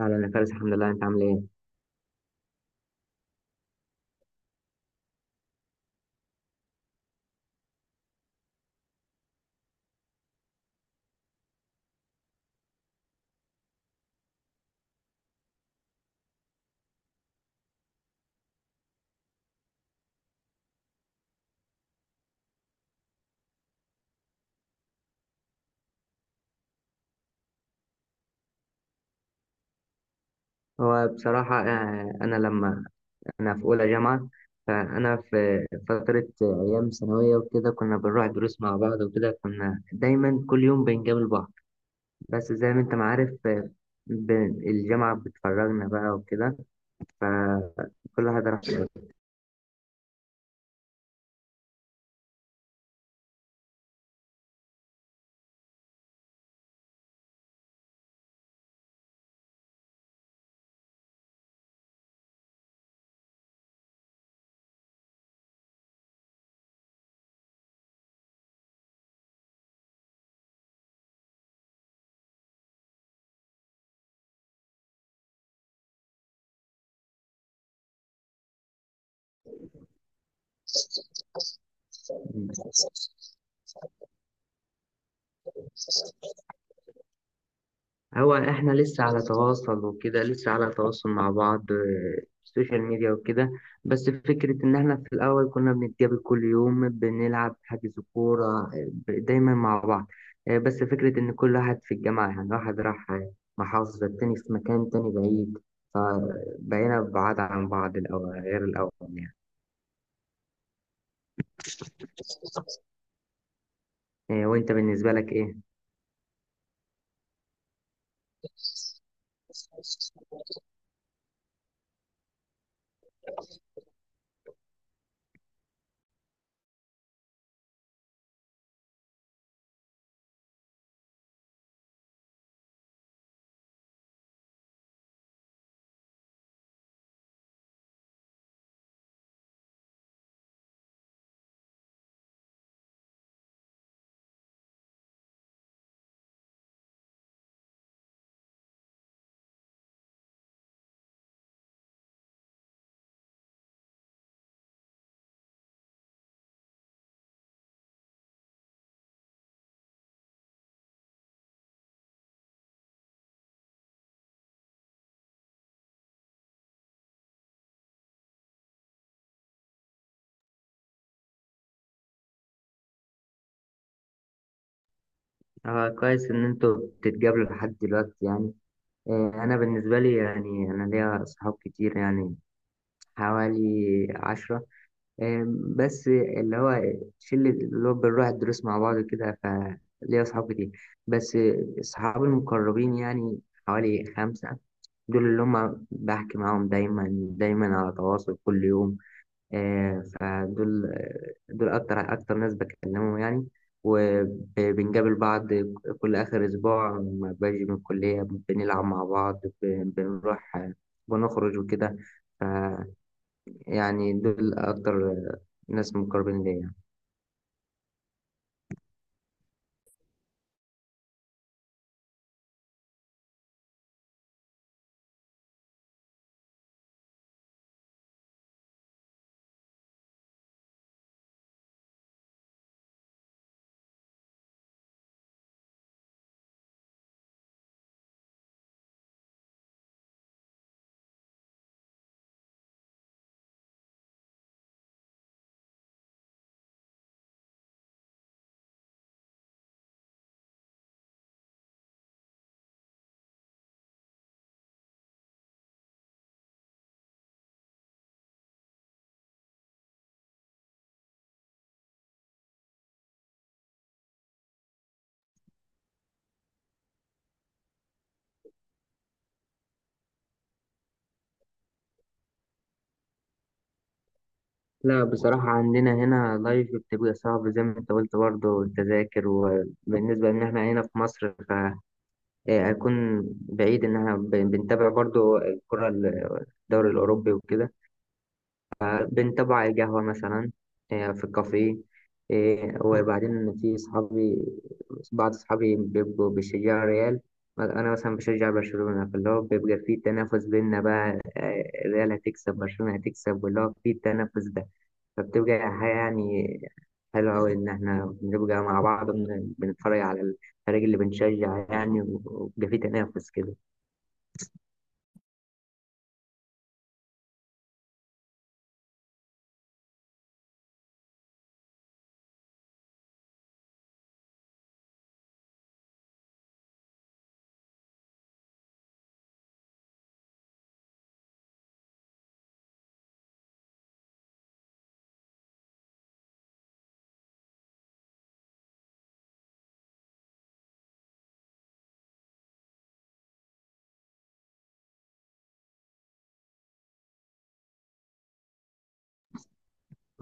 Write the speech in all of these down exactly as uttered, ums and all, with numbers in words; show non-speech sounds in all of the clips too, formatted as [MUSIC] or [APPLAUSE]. أهلا يا فارس، الحمد لله. أنت عامل إيه؟ هو بصراحة آه، أنا لما أنا في أولى جامعة، فأنا في فترة آه، أيام ثانوية وكده كنا بنروح دروس مع بعض وكده، كنا دايما كل يوم بنقابل بعض. بس زي ما أنت ما عارف آه، ب- الجامعة بتفرجنا بقى وكده، فكل واحد راح. هو احنا لسه على تواصل وكده، لسه على تواصل مع بعض آه، السوشيال ميديا وكده. بس فكرة ان احنا في الاول كنا بنتقابل كل يوم، بنلعب حجز كورة آه، ب- دايما مع بعض. آه، بس فكرة ان كل واحد في الجامعة، يعني واحد راح آه، محافظة، التاني في مكان تاني بعيد، فبقينا بعاد عن بعض. الأول غير الأول يعني. آه، وانت بالنسبة لك ايه؟ [LAUGHS] اه، كويس ان انتوا بتتقابلوا لحد دلوقتي يعني. إيه، أنا بالنسبة لي يعني أنا ليا صحاب كتير يعني، حوالي عشرة. إيه، بس اللي هو شلة اللي هو بنروح الدروس مع بعض كده، فليا صحاب كتير. بس صحابي المقربين يعني حوالي خمسة. دول اللي هم بحكي معاهم دايما، دايما على تواصل كل يوم. آه، فدول آه، دول أكتر أكتر ناس بكلمهم يعني، وبنقابل بعض كل آخر أسبوع لما باجي من الكلية. بنلعب مع بعض، ب- بنروح آه، بنخرج وكده. ف- يعني دول أكتر آه، ناس مقربين ليا يعني. لا بصراحة عندنا هنا لايف بتبقى صعب، زي ما أنت قلت برضه التذاكر. وبالنسبة إن إحنا هنا في مصر، فهيكون بعيد. إن إحنا بن- بنتابع برضه الكرة، ال- الدوري الأوروبي وكده، بنتابعه على القهوة مثلا، آه، في الكافيه. آه، وبعدين في صحابي، بعض صحابي بيبقوا بيشجعوا ريال، أنا مثلا بشجع برشلونة، فاللي هو بيبقى في تنافس بينا بقى. آه، ريال هتكسب، برشلونة هتكسب، واللي هو في التنافس ده. فبتبقى حاجة يعني حلوة أوي إن إحنا بنبقى مع بعض، بن- بنتفرج على الفريق اللي بنشجع يعني، وبيبقى في تنافس كده.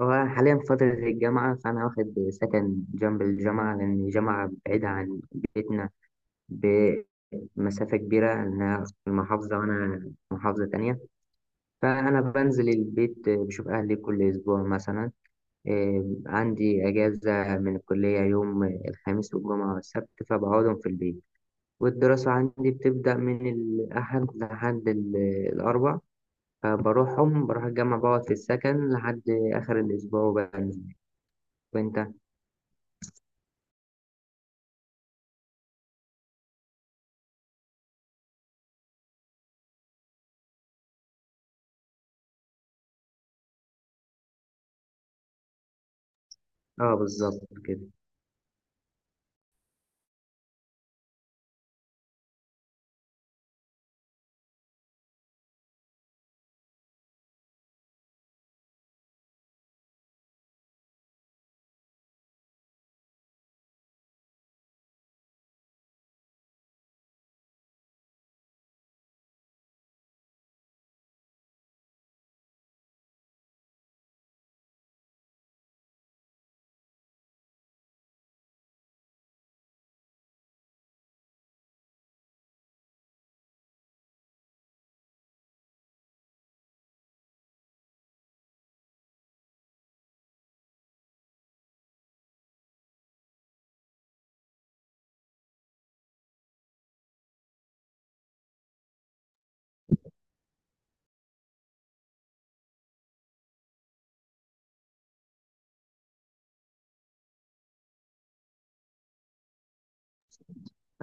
هو أنا حاليا في فترة الجامعة، فأنا واخد سكن جنب الجامعة، لأن الجامعة بعيدة عن بيتنا بمسافة كبيرة. أنا في المحافظة وأنا في محافظة تانية، فأنا بنزل البيت بشوف أهلي كل أسبوع. مثلا إيه، عندي أجازة من الكلية يوم الخميس والجمعة والسبت، فبقعدهم في البيت. والدراسة عندي بتبدأ من الأحد لحد ال- الأربع، فبروحهم بروح الجامعة، بقعد في السكن لحد آخر الأسبوع وبنزل. وانت؟ اه، بالظبط كده.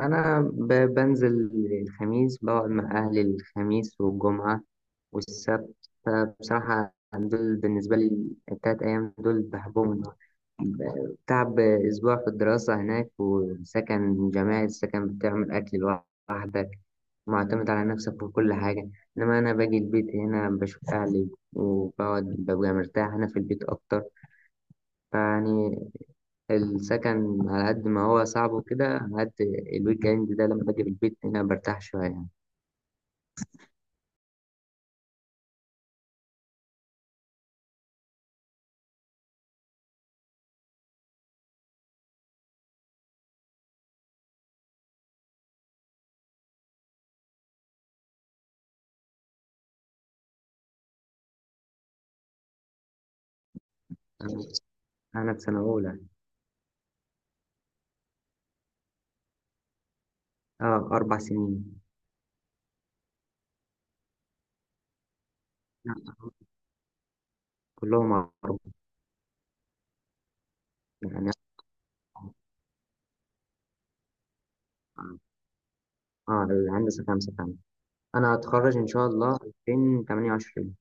انا ب- بنزل الخميس، بقعد مع اهلي الخميس والجمعه والسبت. فبصراحه دول بالنسبه لي، التلات ايام دول بحبهم. ب- تعب اسبوع في الدراسه هناك وسكن جماعي، السكن بتعمل اكل لوحدك، معتمد على نفسك في كل حاجه. انما انا باجي البيت هنا، بشوف اهلي وبقعد، ببقى مرتاح هنا في البيت اكتر. فيعني السكن على قد ما هو صعب وكده، على قد الويك اند ده لما باجي من البيت هنا برتاح شوية يعني. أنا أنا في سنة أولى. أه، أربع سنين. لا، كلهم أربع. يعني أه، الهندسة خمسة كمان. أنا هتخرج إن شاء الله ألفين وتمانية وعشرين.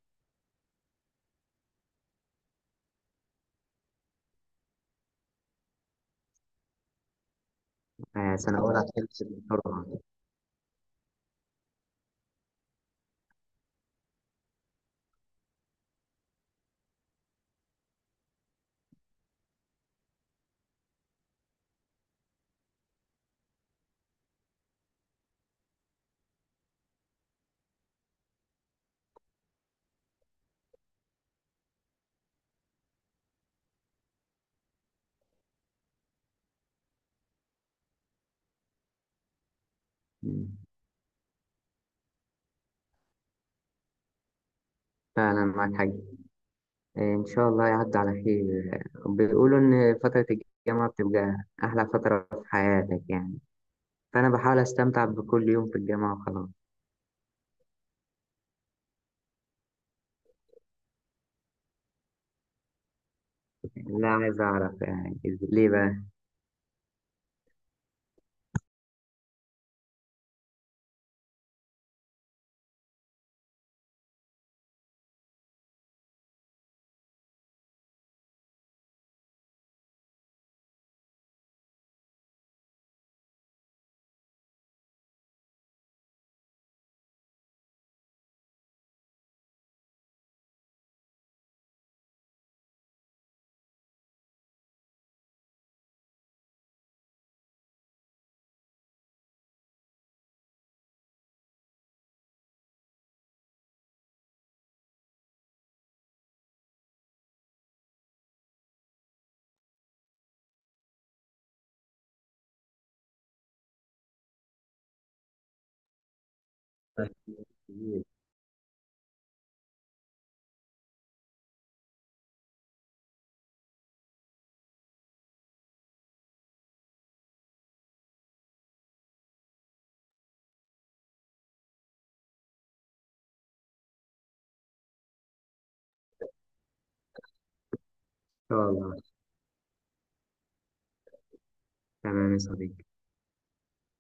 آه، سنة أولى هتخلص بسرعة. مم. فعلا معاك حاجة. آه، إن شاء الله يعدي على خير. بيقولوا إن فترة الجامعة بتبقى أحلى فترة في حياتك يعني، فأنا بحاول أستمتع بكل يوم في الجامعة وخلاص. لا، عايز أعرف يعني إز- ليه بقى؟ طيب. إن شاء الله. تمام يا صديقي.